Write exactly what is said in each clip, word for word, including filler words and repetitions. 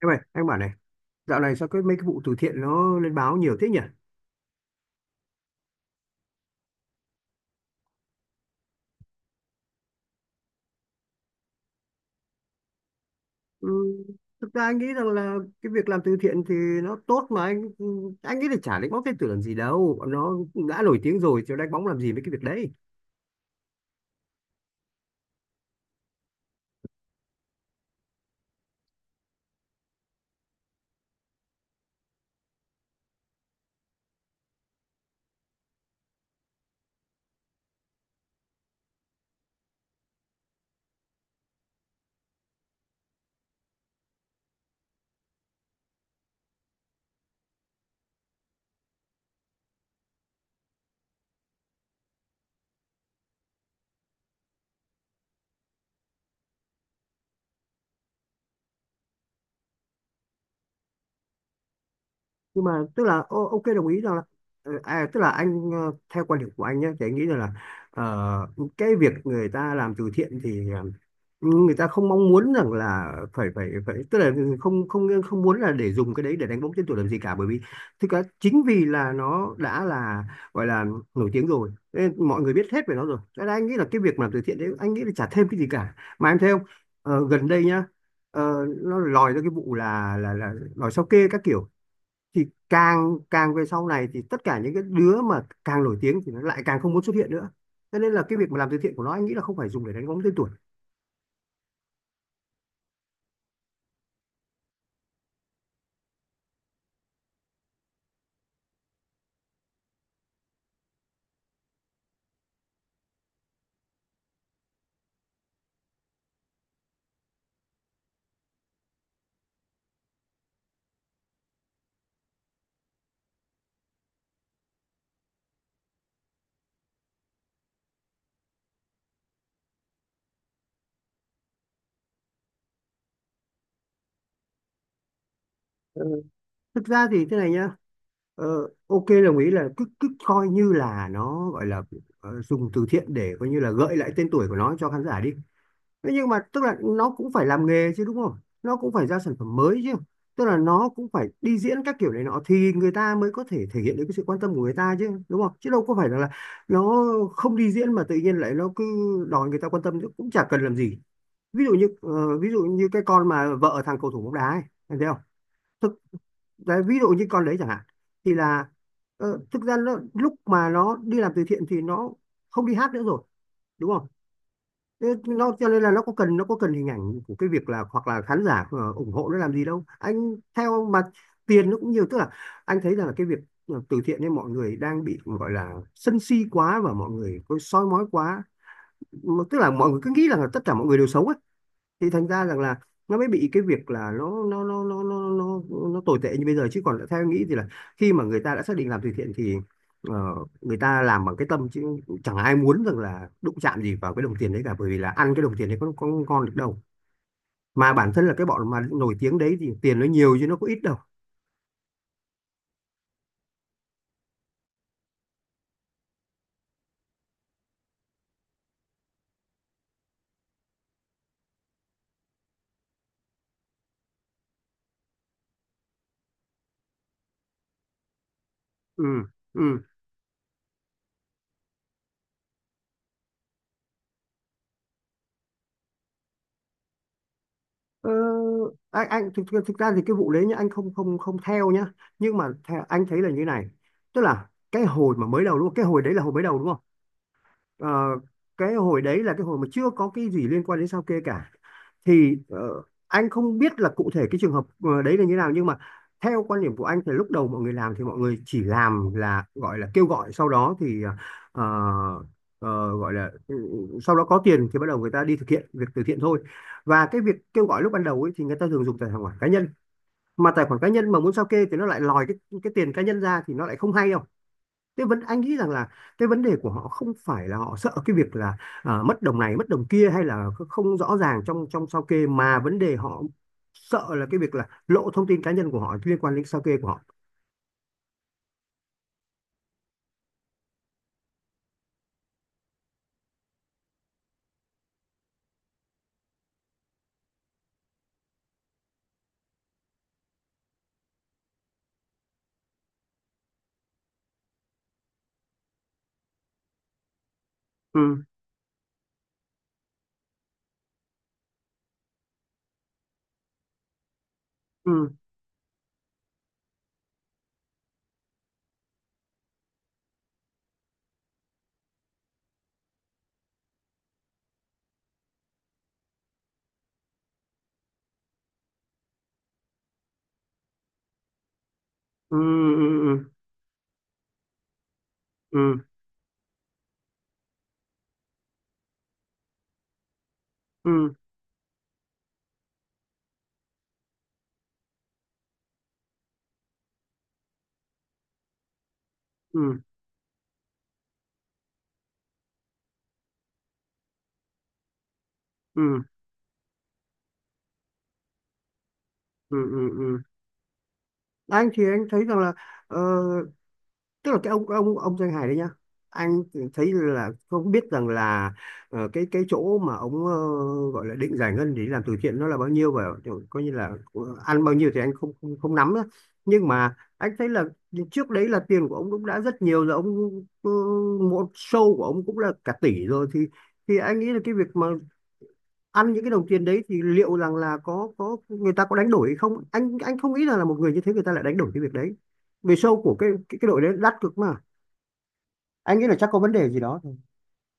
Em ơi, anh bảo này, dạo này sao cái mấy cái vụ từ thiện nó lên báo nhiều thế nhỉ? Ừ, thực ra anh nghĩ rằng là cái việc làm từ thiện thì nó tốt mà anh ừ, anh nghĩ là chả đánh bóng tên tuổi làm gì đâu, nó đã nổi tiếng rồi chứ đánh bóng làm gì mấy cái việc đấy. Nhưng mà tức là ô- ok, đồng ý rằng là ờ, à, tức là anh ờ, theo quan điểm của anh nhé, thì anh nghĩ rằng là ờ, cái việc người ta làm từ thiện thì ờ, người ta không mong muốn rằng là phải phải phải tức là không không không muốn là để dùng cái đấy để đánh bóng tên tuổi làm gì cả, bởi vì thực ra chính vì là nó đã là gọi là nổi tiếng rồi nên mọi người biết hết về nó rồi, cho nên anh nghĩ là cái việc mà làm từ thiện đấy anh nghĩ là chả thêm cái gì cả, mà em thấy không? Ờ, gần đây nhá, ờ, nó lòi ra cái vụ là là là lòi sao kê các kiểu, thì càng càng về sau này thì tất cả những cái đứa mà càng nổi tiếng thì nó lại càng không muốn xuất hiện nữa, cho nên là cái việc mà làm từ thiện của nó anh nghĩ là không phải dùng để đánh bóng tên tuổi. Thực ra thì thế này nhá, ờ, ok, đồng ý là cứ cứ coi như là nó gọi là ờ, dùng từ thiện để coi như là gợi lại tên tuổi của nó cho khán giả đi. Thế nhưng mà tức là nó cũng phải làm nghề chứ, đúng không? Nó cũng phải ra sản phẩm mới chứ, tức là nó cũng phải đi diễn các kiểu này nọ thì người ta mới có thể thể hiện được cái sự quan tâm của người ta chứ, đúng không? Chứ đâu có phải là, là nó không đi diễn mà tự nhiên lại nó cứ đòi người ta quan tâm chứ cũng chả cần làm gì. Ví dụ như ờ, ví dụ như cái con mà vợ thằng cầu thủ bóng đá ấy, em thấy không? Đấy, ví dụ như con đấy chẳng hạn, thì là ờ, thực ra nó, lúc mà nó đi làm từ thiện thì nó không đi hát nữa rồi, đúng không? Thế nó cho nên là nó có cần nó có cần hình ảnh của cái việc là hoặc là khán giả ờ, ủng hộ nó làm gì đâu anh theo mà, tiền nó cũng nhiều, tức là anh thấy rằng là cái việc ờ, từ thiện nên mọi người đang bị gọi là sân si quá và mọi người có soi mói quá. Mà tức là mọi người cứ nghĩ rằng là tất cả mọi người đều xấu ấy, thì thành ra rằng là nó mới bị cái việc là nó nó nó nó nó nó nó tồi tệ như bây giờ, chứ còn theo em nghĩ thì là khi mà người ta đã xác định làm từ thiện thì ờ, người ta làm bằng cái tâm chứ, chẳng ai muốn rằng là đụng chạm gì vào cái đồng tiền đấy cả, bởi vì là ăn cái đồng tiền đấy có có ngon được đâu, mà bản thân là cái bọn mà nổi tiếng đấy thì tiền nó nhiều chứ nó có ít đâu. Ừ. Ừ. ờ, anh anh thực, Thực ra thì cái vụ đấy nhá, anh không không không theo nhá, nhưng mà theo, anh thấy là như này, tức là cái hồi mà mới đầu đúng không, cái hồi đấy là hồi mới đầu đúng không? Ờ, cái hồi đấy là cái hồi mà chưa có cái gì liên quan đến sao kê cả, thì ờ, anh không biết là cụ thể cái trường hợp ờ, đấy là như nào, nhưng mà theo quan điểm của anh thì lúc đầu mọi người làm thì mọi người chỉ làm là gọi là kêu gọi, sau đó thì ờ, ờ, gọi là ừ, ừ, sau đó có tiền thì bắt đầu người ta đi thực hiện việc từ thiện thôi, và cái việc kêu gọi lúc ban đầu ấy thì người ta thường dùng tài khoản cá nhân, mà tài khoản cá nhân mà muốn sao kê thì nó lại lòi cái cái tiền cá nhân ra thì nó lại không hay. Thế vấn anh nghĩ rằng là cái vấn đề của họ không phải là họ sợ cái việc là à, mất đồng này mất đồng kia hay là không rõ ràng trong trong sao kê, mà vấn đề họ sợ là cái việc là lộ thông tin cá nhân của họ liên quan đến sao kê của họ. Ừ. Ừ. Ừ. Ừ. Ừ. Ừ. Ừ. Ừ. Ừ. Ừ. Ừ. Ừ. Anh thì anh thấy rằng là ờ, tức là cái ông ông ông danh hài đấy nhá, anh thấy là không biết rằng là ờ, cái cái chỗ mà ông ờ, gọi là định giải ngân để làm từ thiện nó là bao nhiêu và kiểu coi như là ờ, ăn bao nhiêu thì anh không không, không nắm nữa, nhưng mà anh thấy là trước đấy là tiền của ông cũng đã rất nhiều rồi, ông ờ, một show của ông cũng là cả tỷ rồi, thì thì anh nghĩ là cái việc mà ăn những cái đồng tiền đấy thì liệu rằng là có có người ta có đánh đổi hay không, anh anh không nghĩ là là một người như thế người ta lại đánh đổi cái việc đấy, vì show của cái cái, cái đội đấy đắt cực. Anh nghĩ là chắc có vấn đề gì đó thôi.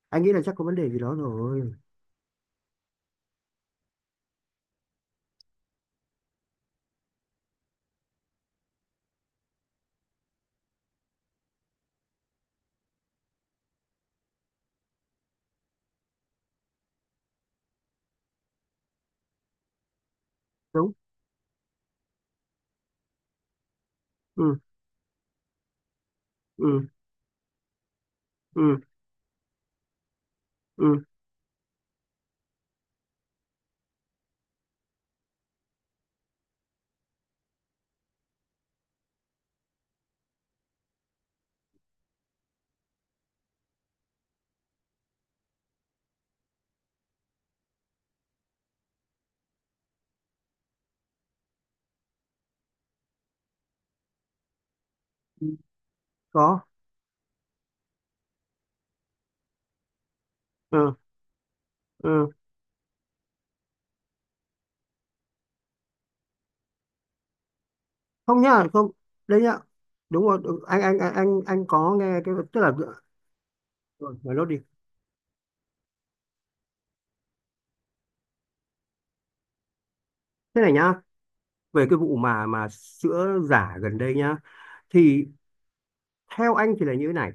Anh nghĩ là chắc có vấn đề gì đó rồi. Đúng. Ừ. Ừ. Ừ. Ừ. Ừ. Có. Ừ. Ừ. Không nhá, không. Đấy nhá. Đúng rồi, đúng. anh anh anh anh anh có nghe cái tức là rồi nói lốt đi. Thế này nhá, về cái vụ mà mà sữa giả gần đây nhá, thì theo anh thì là như thế này,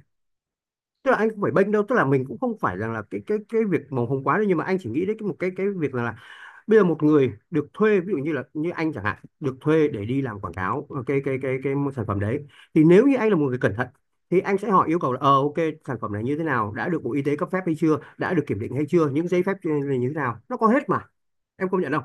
tức là anh không phải bênh đâu, tức là mình cũng không phải rằng là cái cái cái việc màu hồng quá đâu, nhưng mà anh chỉ nghĩ đến cái một cái cái việc là, là bây giờ một người được thuê ví dụ như là như anh chẳng hạn được thuê để đi làm quảng cáo ờ, cái cái cái cái sản phẩm đấy, thì nếu như anh là một người cẩn thận thì anh sẽ hỏi yêu cầu là ờ ok, sản phẩm này như thế nào, đã được Bộ Y tế cấp phép hay chưa, đã được kiểm định hay chưa, những giấy phép như thế nào, nó có hết mà, em công nhận không?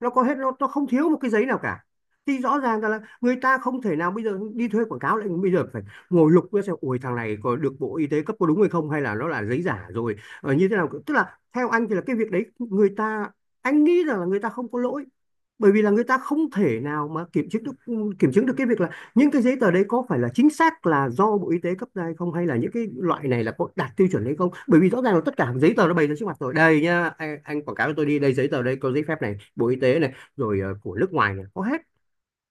Nó có hết, nó, nó không thiếu một cái giấy nào cả, thì rõ ràng là người ta không thể nào bây giờ đi thuê quảng cáo lại bây giờ phải ngồi lục ra xem ôi thằng này có được Bộ Y tế cấp có đúng hay không hay là nó là giấy giả rồi ờ, như thế nào, tức là theo anh thì là cái việc đấy người ta anh nghĩ rằng là người ta không có lỗi, bởi vì là người ta không thể nào mà kiểm chứng được kiểm chứng được cái việc là những cái giấy tờ đấy có phải là chính xác là do Bộ Y tế cấp ra hay không hay là những cái loại này là có đạt tiêu chuẩn hay không, bởi vì rõ ràng là tất cả giấy tờ nó bày ra trước mặt rồi, đây nhá, anh, anh quảng cáo cho tôi đi, đây giấy tờ đây, có giấy phép này, Bộ Y tế này rồi ờ, của nước ngoài này, có hết,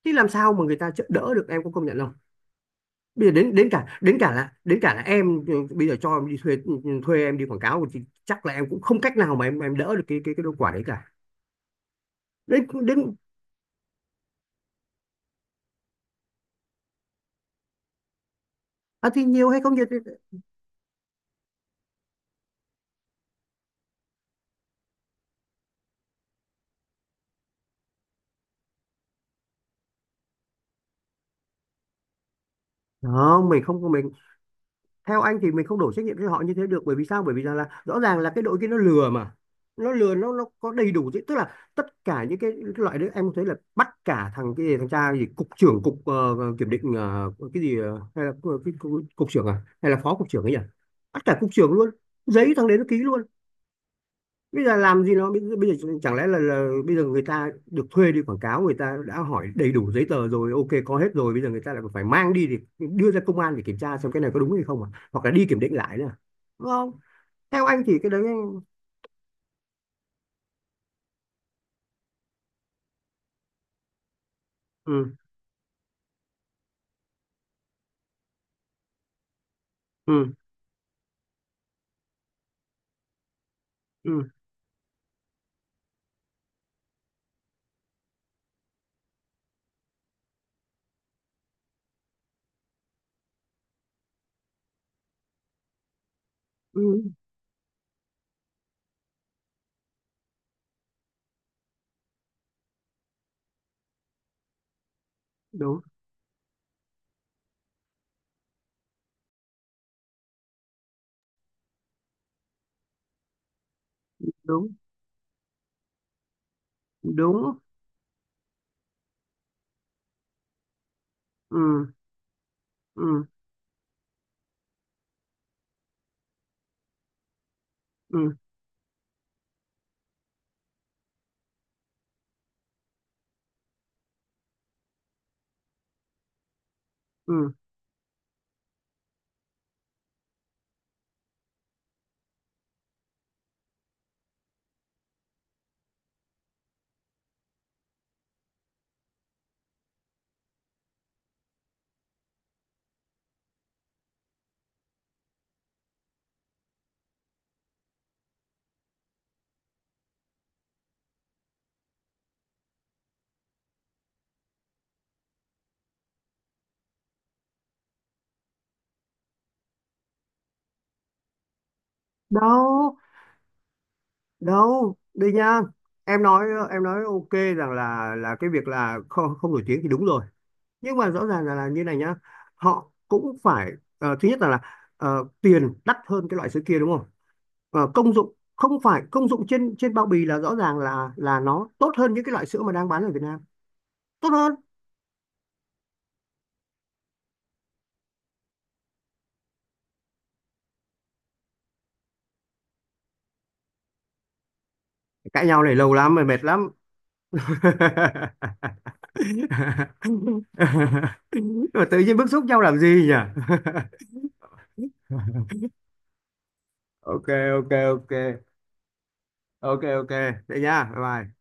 thì làm sao mà người ta chợ- đỡ được, em có công nhận không? Bây giờ đến đến cả đến cả là đến cả là em ừ, bây giờ cho em đi thuê ừ, ừ, thuê em đi quảng cáo thì chắc là em cũng không cách nào mà em em đỡ được cái cái cái đau quả đấy cả. Đến đến À, thì nhiều hay không nhiều thì Không, mình không không- mình theo anh thì mình không đổ trách nhiệm cho họ như thế được, bởi vì sao? Bởi vì rằng là rõ ràng là cái đội kia nó lừa mà. Nó lừa, nó nó có đầy đủ chứ. Tức là tất cả những cái loại đấy em thấy là bắt cả thằng cái gì thằng cha gì cục trưởng cục ờ, kiểm định ờ, cái gì ờ, hay là cái, cái, cục, cục trưởng à hay là phó cục trưởng ấy nhỉ? Bắt cả cục trưởng luôn. Giấy thằng đấy nó ký luôn, bây giờ làm gì nó bây giờ, bây giờ chẳng lẽ là, là bây giờ người ta được thuê đi quảng cáo, người ta đã hỏi đầy đủ giấy tờ rồi ok có hết rồi, bây giờ người ta lại còn phải mang đi thì đưa ra công an để kiểm tra xem cái này có đúng hay không à, hoặc là đi kiểm định lại nữa à? Đúng không? Theo anh thì cái đấy ừ. Ừ. Ừ. Ừ. Đúng. Đúng. Đúng. Ừ. Ừ. Ừ. Ừ. Đâu. Đâu đây nha. Em nói, em nói ok rằng là là cái việc là không không nổi tiếng thì đúng rồi, nhưng mà rõ ràng là, là như này nhá, họ cũng phải ờ, thứ nhất là, là ờ, tiền đắt hơn cái loại sữa kia đúng không? Ờ, công dụng không phải công dụng trên trên bao bì là rõ ràng là là nó tốt hơn những cái loại sữa mà đang bán ở Việt Nam, tốt hơn. Cãi nhau này lâu lắm mà mệt lắm. Mà tự nhiên bức xúc nhau làm gì nhỉ. Ok ok. Ok ok ok. Thế nha, bye bye.